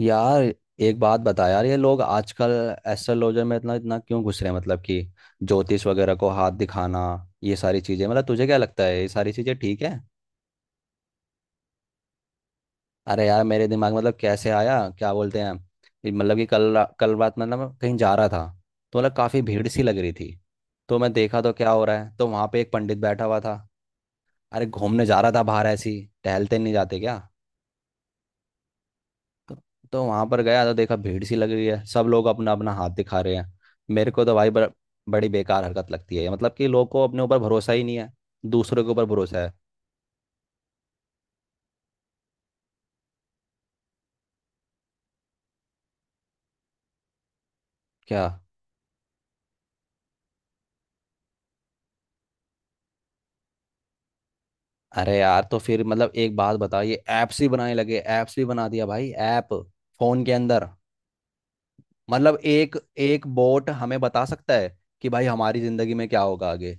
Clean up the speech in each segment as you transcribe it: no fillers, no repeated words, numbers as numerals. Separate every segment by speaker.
Speaker 1: यार, एक बात बता यार। ये लोग आजकल एस्ट्रोलॉजर में इतना इतना क्यों घुस रहे हैं? मतलब कि ज्योतिष वगैरह को हाथ दिखाना, ये सारी चीजें, मतलब तुझे क्या लगता है, ये सारी चीजें ठीक है? अरे यार, मेरे दिमाग में मतलब कैसे आया, क्या बोलते हैं। ये मतलब कि कल रात मतलब मैं कहीं जा रहा था। तो मतलब काफी भीड़ सी लग रही थी। तो मैं देखा तो क्या हो रहा है, तो वहां पे एक पंडित बैठा हुआ था। अरे, घूमने जा रहा था बाहर ऐसी। टहलते नहीं जाते क्या? तो, तो वहां पर गया तो देखा भीड़ सी लग रही है, सब लोग अपना अपना हाथ दिखा रहे हैं। मेरे को तो भाई बड़ी बेकार हरकत लगती है। मतलब कि लोग को अपने ऊपर भरोसा ही नहीं है, दूसरों के ऊपर भरोसा है। क्या? अरे यार, तो फिर मतलब एक बात बता, ये ऐप्स ही बनाने लगे, ऐप्स भी बना दिया भाई, ऐप फोन के अंदर। मतलब एक एक बोट हमें बता सकता है कि भाई हमारी जिंदगी में क्या होगा आगे?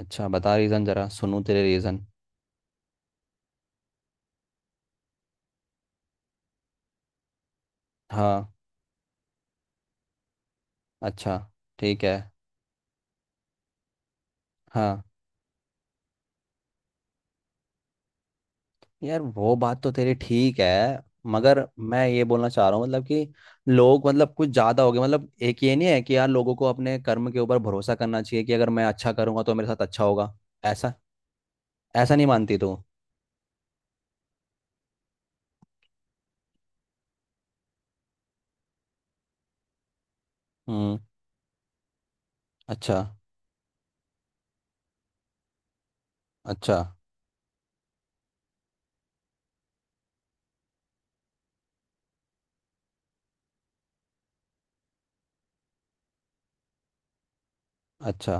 Speaker 1: अच्छा बता, रीजन जरा सुनूं तेरे रीजन। हाँ। अच्छा, ठीक है। हाँ, यार वो बात तो तेरी ठीक है, मगर मैं ये बोलना चाह रहा हूँ मतलब कि लोग मतलब कुछ ज्यादा हो गए। मतलब एक ये नहीं है कि यार, लोगों को अपने कर्म के ऊपर भरोसा करना चाहिए कि अगर मैं अच्छा करूंगा तो मेरे साथ अच्छा होगा। ऐसा ऐसा नहीं मानती तू? हम्म। अच्छा अच्छा अच्छा।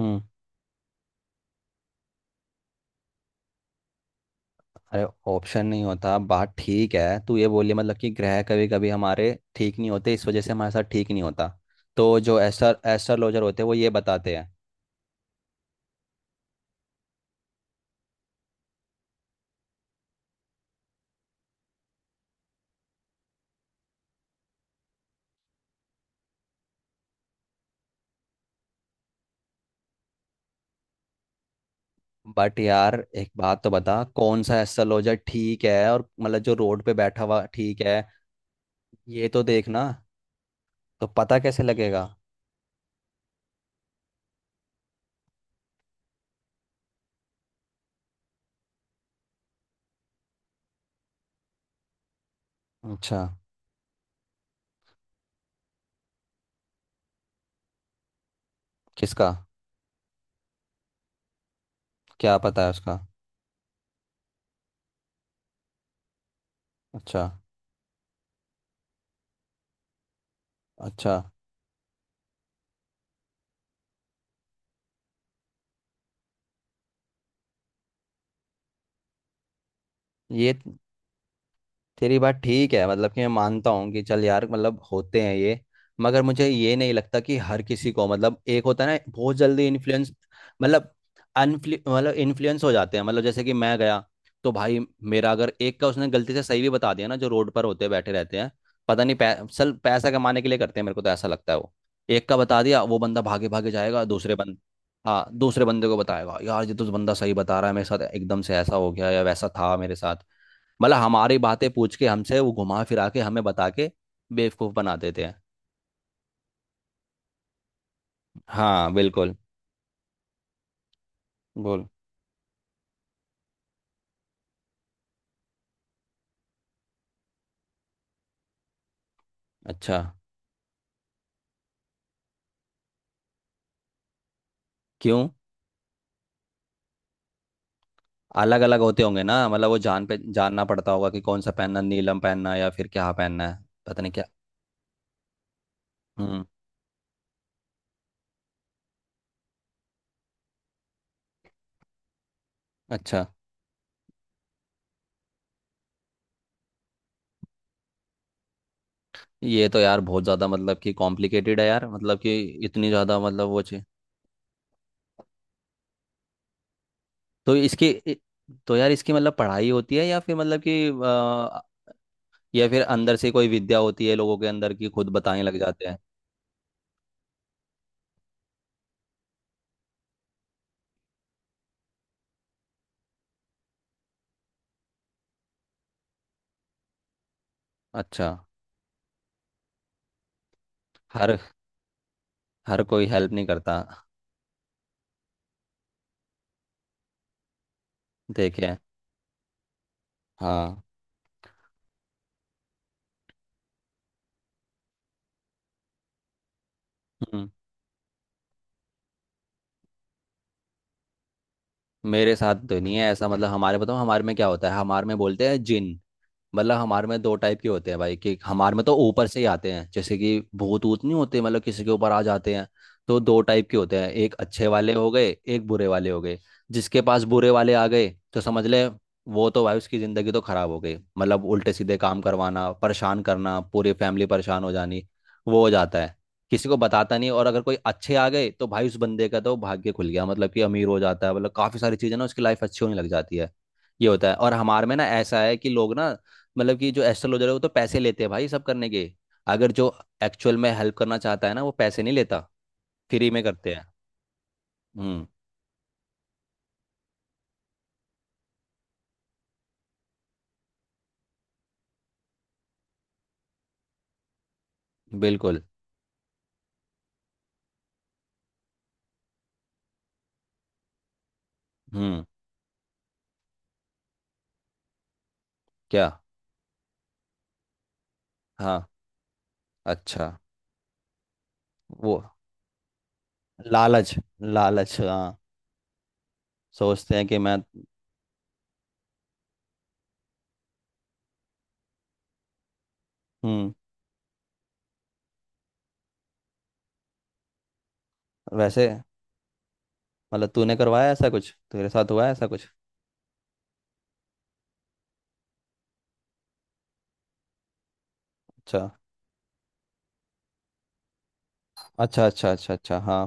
Speaker 1: हम्म। अरे, ऑप्शन नहीं होता बात ठीक है, तू ये बोली मतलब कि ग्रह कभी कभी हमारे ठीक नहीं होते, इस वजह से हमारे साथ ठीक नहीं होता। तो जो एस्ट्रोलॉजर होते हैं, वो ये बताते हैं। बट यार एक बात तो बता, कौन सा ऐसा लॉजर ठीक है और मतलब जो रोड पे बैठा हुआ ठीक है, ये तो देखना, तो पता कैसे लगेगा? अच्छा। किसका? क्या पता है उसका? अच्छा अच्छा, ये तेरी बात ठीक है, मतलब कि मैं मानता हूँ कि चल यार, मतलब होते हैं ये, मगर मुझे ये नहीं लगता कि हर किसी को, मतलब एक होता है ना, बहुत जल्दी इन्फ्लुएंस। मतलब अनफ्लु मतलब इन्फ्लुएंस हो जाते हैं। मतलब जैसे कि मैं गया, तो भाई मेरा, अगर एक का उसने गलती से सही भी बता दिया ना, जो रोड पर होते बैठे रहते हैं, पता नहीं, पै, सल पैसा कमाने के लिए करते हैं, मेरे को तो ऐसा लगता है वो। एक का बता दिया, वो बंदा भागे भागे जाएगा दूसरे बंद। हाँ, दूसरे बंदे को बताएगा यार, ये तो बंदा सही बता रहा है, मेरे साथ एकदम से ऐसा हो गया या वैसा था मेरे साथ। मतलब हमारी बातें पूछ के हमसे, वो घुमा फिरा के हमें बता के बेवकूफ बना देते हैं। हाँ, बिल्कुल। बोल। अच्छा। क्यों, अलग अलग होते होंगे ना? मतलब वो जान पे जानना पड़ता होगा कि कौन सा पहनना, नीलम पहनना है या फिर क्या पहनना है, पता नहीं क्या। हम्म। अच्छा। ये तो यार बहुत ज्यादा मतलब कि कॉम्प्लिकेटेड है यार, मतलब कि इतनी ज्यादा मतलब वो चीज। तो इसकी इ- तो यार इसकी मतलब पढ़ाई होती है या फिर मतलब कि या फिर अंदर से कोई विद्या होती है लोगों के अंदर की, खुद बताने लग जाते हैं? अच्छा। हर हर कोई हेल्प नहीं करता। देखे हैं। हाँ। हम्म। मेरे साथ तो नहीं है ऐसा। मतलब हमारे, बताओ हमारे में क्या होता है, हमारे में बोलते हैं जिन। मतलब हमारे में दो टाइप के होते हैं भाई, कि हमारे में तो ऊपर से ही आते हैं, जैसे कि भूत ऊत नहीं होते, मतलब किसी के ऊपर आ जाते हैं। तो दो टाइप के होते हैं, एक अच्छे वाले हो गए, एक बुरे वाले हो गए। जिसके पास बुरे वाले आ गए तो समझ ले, वो तो भाई, उसकी ज़िंदगी तो खराब हो गई, मतलब उल्टे सीधे काम करवाना, परेशान करना, पूरी फैमिली परेशान हो जानी। वो हो जाता है, किसी को बताता नहीं। और अगर कोई अच्छे आ गए तो भाई उस बंदे का तो भाग्य खुल गया, मतलब कि अमीर हो जाता है, मतलब काफ़ी सारी चीज़ें ना, उसकी लाइफ अच्छी होने लग जाती है। ये होता है। और हमारे में ना ऐसा है कि लोग ना, मतलब कि जो एस्ट्रोलॉजर है वो तो पैसे लेते हैं भाई सब करने के। अगर जो एक्चुअल में हेल्प करना चाहता है ना, वो पैसे नहीं लेता, फ्री में करते हैं। हम्म। बिल्कुल। हम्म। क्या? हाँ। अच्छा। वो, लालच। लालच, हाँ। सोचते हैं कि मैं। हम्म। वैसे, मतलब तूने करवाया, ऐसा कुछ तेरे साथ हुआ है ऐसा कुछ? अच्छा अच्छा अच्छा अच्छा अच्छा। हाँ।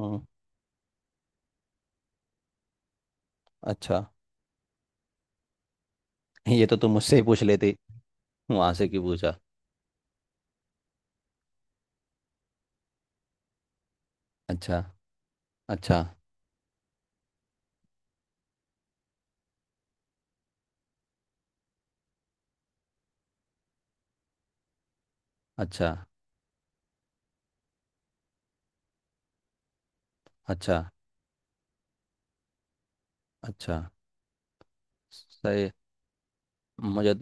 Speaker 1: हम्म। अच्छा। ये तो तुम मुझसे ही पूछ लेती, वहां से क्यों पूछा? अच्छा अच्छा अच्छा अच्छा अच्छा अच्छा। सही। मुझे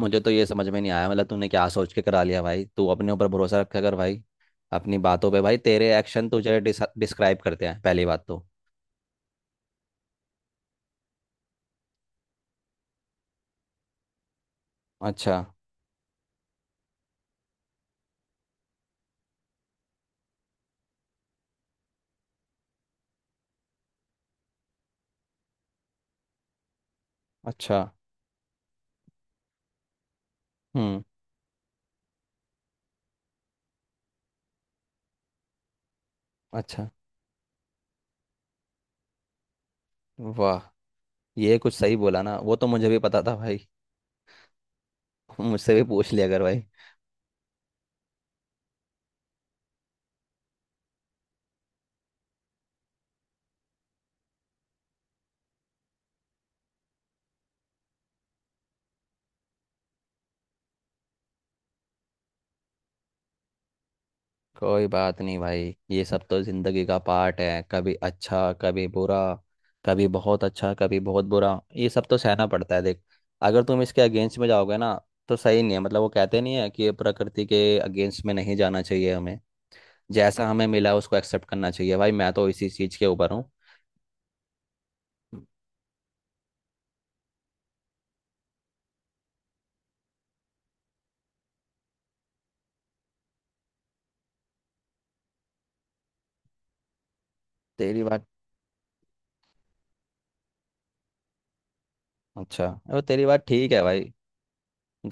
Speaker 1: मुझे तो ये समझ में नहीं आया, मतलब तूने क्या सोच के करा लिया भाई? तू अपने ऊपर भरोसा रखा कर भाई, अपनी बातों पे भाई, तेरे एक्शन तुझे डिस्क्राइब करते हैं, पहली बात तो। अच्छा अच्छा। हम्म। अच्छा। वाह, ये कुछ सही बोला ना, वो तो मुझे भी पता था भाई। मुझसे भी पूछ लिया कर भाई। कोई बात नहीं भाई, ये सब तो जिंदगी का पार्ट है, कभी अच्छा कभी बुरा, कभी बहुत अच्छा कभी बहुत बुरा, ये सब तो सहना पड़ता है देख। अगर तुम इसके अगेंस्ट में जाओगे ना, तो सही नहीं है। मतलब वो कहते नहीं है कि ये प्रकृति के अगेंस्ट में नहीं जाना चाहिए हमें? जैसा हमें मिला उसको एक्सेप्ट करना चाहिए भाई, मैं तो इसी चीज के ऊपर हूँ। तेरी बात अच्छा, वो तेरी बात ठीक है भाई।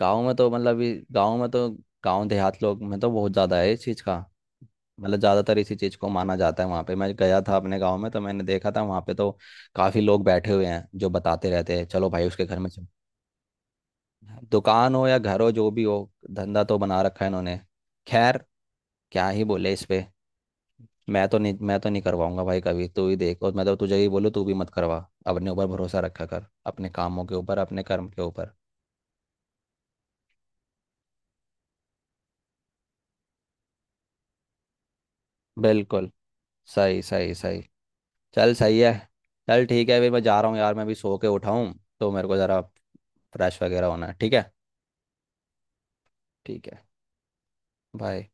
Speaker 1: गाँव में तो गाँव में तो गाँव देहात लोग में तो बहुत ज़्यादा है इस चीज़ का। मतलब ज़्यादातर इसी चीज़ को माना जाता है, वहाँ पे मैं गया था अपने गाँव में, तो मैंने देखा था वहाँ पे तो काफ़ी लोग बैठे हुए हैं जो बताते रहते हैं, चलो भाई उसके घर में चल। दुकान हो या घर हो जो भी हो, धंधा तो बना रखा है इन्होंने। खैर, क्या ही बोले इस पे। मैं तो नहीं, मैं तो नहीं करवाऊंगा भाई कभी, तू ही देख, और मैं तो तुझे ही बोलूँ, तू भी मत करवा, अपने ऊपर भरोसा रखा कर, अपने कामों के ऊपर, अपने कर्म के ऊपर। बिल्कुल। सही सही सही। चल, सही है। चल ठीक है, फिर मैं जा रहा हूँ यार, मैं अभी सो के उठा हूँ, तो मेरे को ज़रा फ्रेश वगैरह होना है। ठीक है? ठीक है। बाय।